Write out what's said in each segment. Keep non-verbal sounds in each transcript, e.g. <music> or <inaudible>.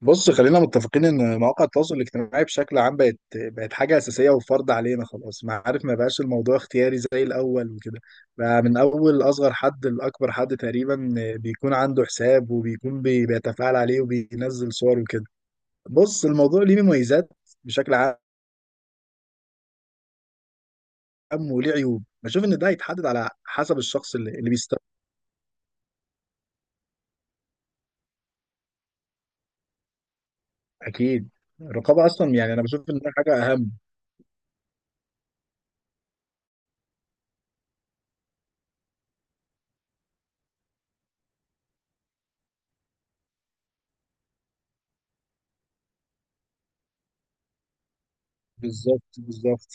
بص، خلينا متفقين ان مواقع التواصل الاجتماعي بشكل عام بقت حاجه اساسيه وفرض علينا خلاص. ما عارف، ما بقاش الموضوع اختياري زي الاول وكده. بقى من اول اصغر حد لاكبر حد تقريبا بيكون عنده حساب وبيكون بيتفاعل عليه وبينزل صور وكده. بص، الموضوع ليه مميزات بشكل عام وليه عيوب. بشوف ان ده هيتحدد على حسب الشخص اللي بيستخدم. اكيد. الرقابه اصلا يعني انا بشوف ان ده حاجه اهم. بالظبط بالظبط.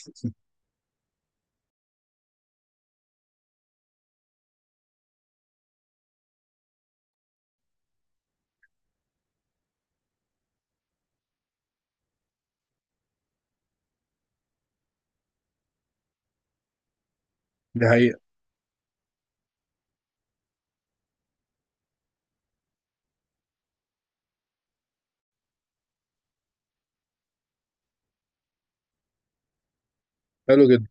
دي حقيقه. حلو جدا.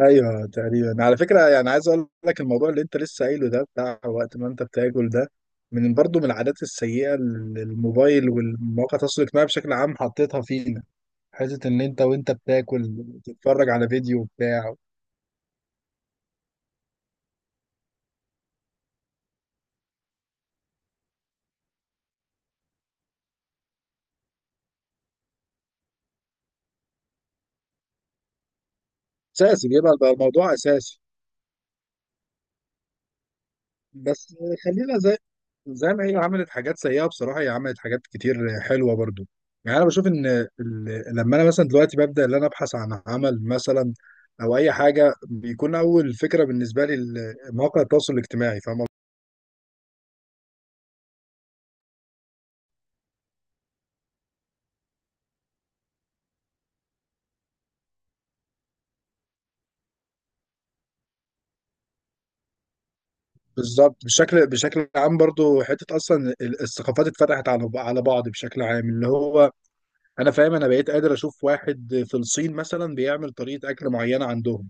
ايوه تقريبا، على فكره يعني عايز اقول لك الموضوع اللي انت لسه قايله ده بتاع وقت ما انت بتاكل ده، من برضه من العادات السيئه اللي الموبايل والمواقع التواصل الاجتماعي بشكل عام حطيتها فينا. حته ان انت وانت بتاكل تتفرج على فيديو بتاع. اساسي بيبقى بقى الموضوع اساسي. بس خلينا زي ما هي عملت حاجات سيئة بصراحة، هي عملت حاجات كتير حلوة برضو. يعني أنا بشوف إن لما أنا مثلا دلوقتي ببدأ إن أنا أبحث عن عمل مثلا أو أي حاجة، بيكون أول فكرة بالنسبة لي مواقع التواصل الاجتماعي. فاهم قصدي؟ بالظبط. بشكل عام برضو، حتة أصلا الثقافات اتفتحت على بعض بشكل عام. اللي هو أنا فاهم أنا بقيت قادر أشوف واحد في الصين مثلا بيعمل طريقة أكل معينة عندهم.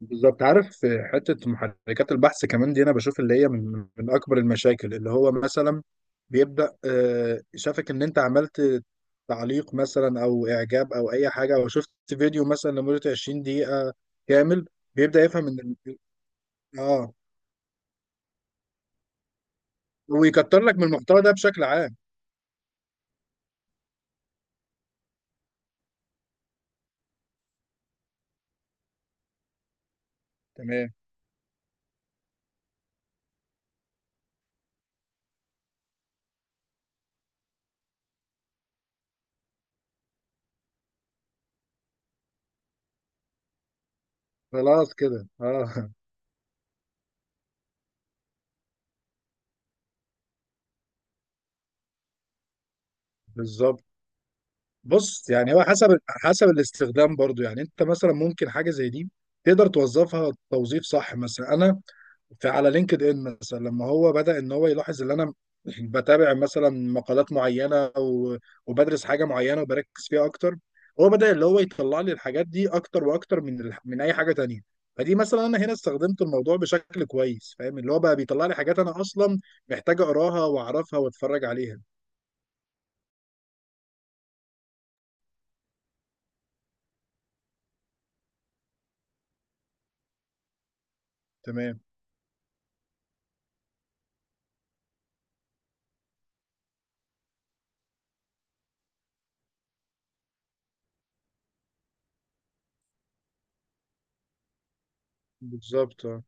بالظبط. عارف، حتة محركات البحث كمان دي أنا بشوف اللي هي من أكبر المشاكل. اللي هو مثلا بيبدأ، شافك إن أنت عملت تعليق مثلا أو إعجاب أو أي حاجة، أو شفت فيديو مثلا لمدة 20 دقيقة كامل، بيبدأ يفهم إن آه ويكتر لك من المحتوى ده بشكل عام. تمام. خلاص كده آه <laughs> بالظبط. بص، يعني هو حسب حسب الاستخدام برضو. يعني أنت مثلا ممكن حاجة زي دي تقدر توظفها توظيف صح. مثلا فعلى لينكد ان، مثلا لما هو بدأ ان هو يلاحظ ان انا <laughs> بتابع مثلا مقالات معينه وبدرس حاجه معينه وبركز فيها اكتر، هو بدأ اللي هو يطلع لي الحاجات دي اكتر واكتر من من اي حاجه تانية. فدي مثلا انا هنا استخدمت الموضوع بشكل كويس، فاهم؟ اللي هو بقى بيطلع لي حاجات انا اصلا محتاج اقراها واعرفها واتفرج عليها. تمام. بالظبط آه،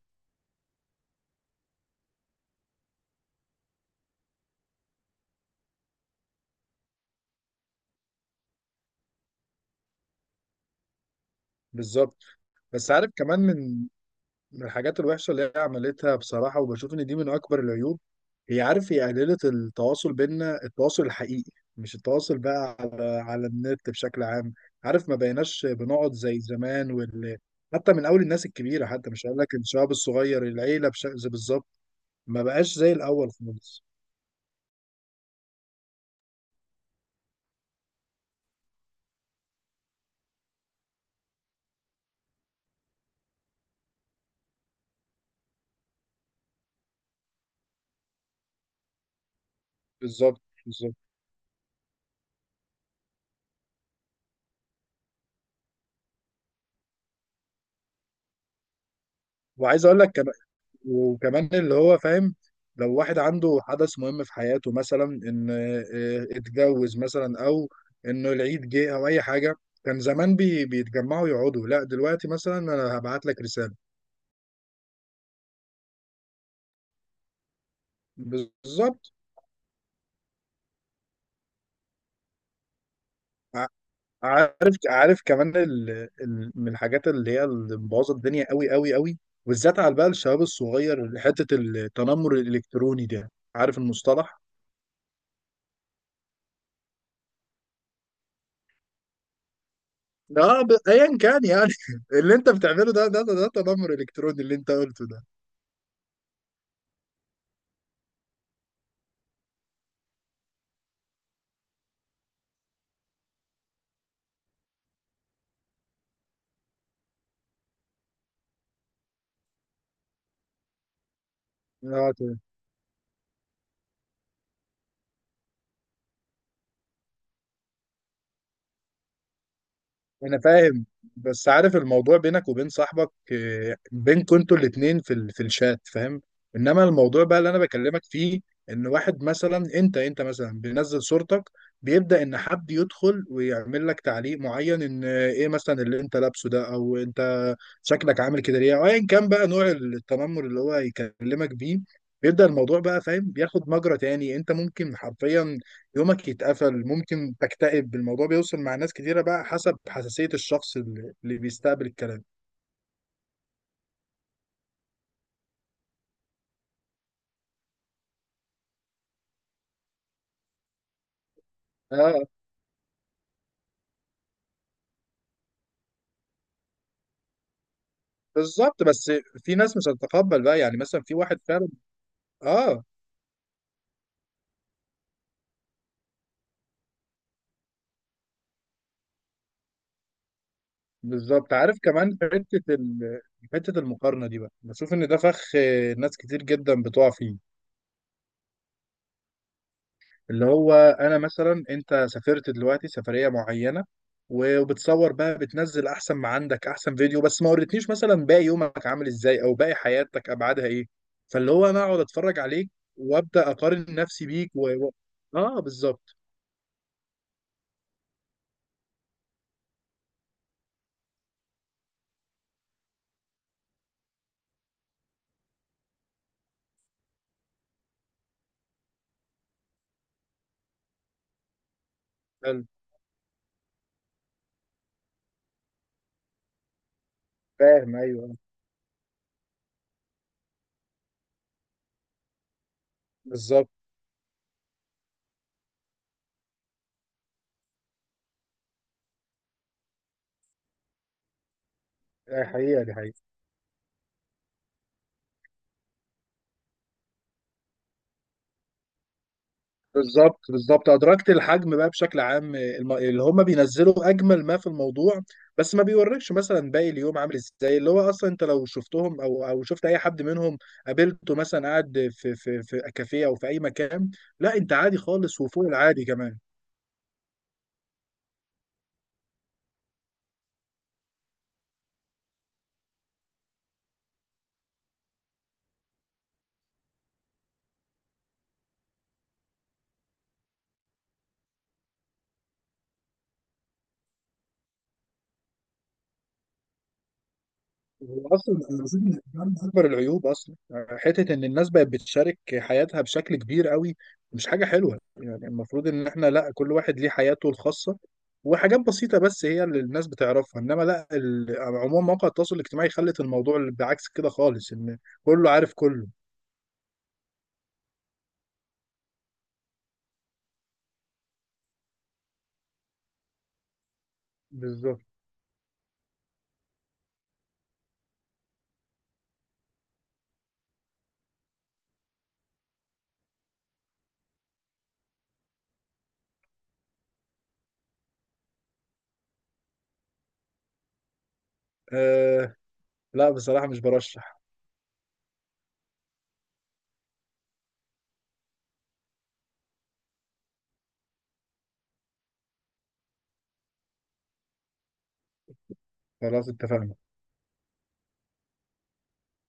بالظبط. بس عارف كمان من من الحاجات الوحشة اللي هي عملتها بصراحة، وبشوف إن دي من أكبر العيوب، هي، عارف، هي قللت التواصل بينا، التواصل الحقيقي، مش التواصل بقى على النت بشكل عام. عارف، ما بقيناش بنقعد زي زمان حتى من أول الناس الكبيرة، حتى مش هقول لك الشباب الصغير، العيلة بالظبط. ما بقاش زي الأول خالص. بالظبط بالظبط. وعايز أقول لك وكمان اللي هو، فاهم، لو واحد عنده حدث مهم في حياته، مثلا ان اتجوز مثلا او انه العيد جه او اي حاجه، كان زمان بيتجمعوا يقعدوا. لا دلوقتي مثلا انا هبعت لك رساله. بالظبط. ع- عارف، عارف كمان من الحاجات اللي هي اللي مبوظه الدنيا قوي قوي قوي، وبالذات على بقى الشباب الصغير، حته التنمر الالكتروني ده. عارف المصطلح؟ اه ايا كان يعني <laughs> اللي انت بتعمله ده ده تنمر الكتروني اللي انت قلته ده. اه تمام. انا فاهم. بس عارف، الموضوع بينك وبين صاحبك، بينكوا انتوا الاتنين في في الشات، فاهم؟ انما الموضوع بقى اللي انا بكلمك فيه ان واحد مثلا، انت مثلا بينزل صورتك، بيبدأ ان حد يدخل ويعمل لك تعليق معين ان ايه مثلا اللي انت لابسه ده، او انت شكلك عامل كده ليه، او ايا كان بقى نوع التنمر اللي هو يكلمك بيه. بيبدأ الموضوع بقى، فاهم، بياخد مجرى تاني. انت ممكن حرفيا يومك يتقفل، ممكن تكتئب. الموضوع بيوصل مع ناس كتيرة بقى حسب حساسية الشخص اللي بيستقبل الكلام. اه بالظبط. بس في ناس مش هتتقبل بقى، يعني مثلا في واحد فعلا. اه بالظبط. عارف كمان حتة حتة المقارنة دي بقى، بشوف ان ده فخ، ناس كتير جدا بتقع فيه. اللي هو انا مثلا، انت سافرت دلوقتي سفرية معينة وبتصور بقى، بتنزل احسن ما عندك، احسن فيديو، بس ما وريتنيش مثلا باقي يومك عامل ازاي او باقي حياتك ابعادها ايه. فاللي هو انا اقعد اتفرج عليك وابدا اقارن نفسي بيك اه بالظبط. حلو. فاهم، ايوه. بالظبط. دي حقيقة، دي حقيقة. بالظبط بالظبط. ادركت الحجم بقى بشكل عام. اللي هم بينزلوا اجمل ما في الموضوع، بس ما بيوريكش مثلا باقي اليوم عامل ازاي. اللي هو اصلا انت لو شفتهم او شفت اي حد منهم قابلته مثلا قاعد في في كافيه او في اي مكان، لا انت عادي خالص وفوق العادي كمان. هو اصلا انا بشوف ان ده من اكبر العيوب اصلا، يعني حته ان الناس بقت بتشارك حياتها بشكل كبير قوي. مش حاجه حلوه يعني. المفروض ان احنا لا، كل واحد ليه حياته الخاصه، وحاجات بسيطه بس هي اللي الناس بتعرفها. انما لا، عموما مواقع التواصل الاجتماعي خلت الموضوع اللي بعكس كده خالص، ان كله عارف كله. بالظبط آه. لا بصراحه مش برشح. خلاص اتفقنا.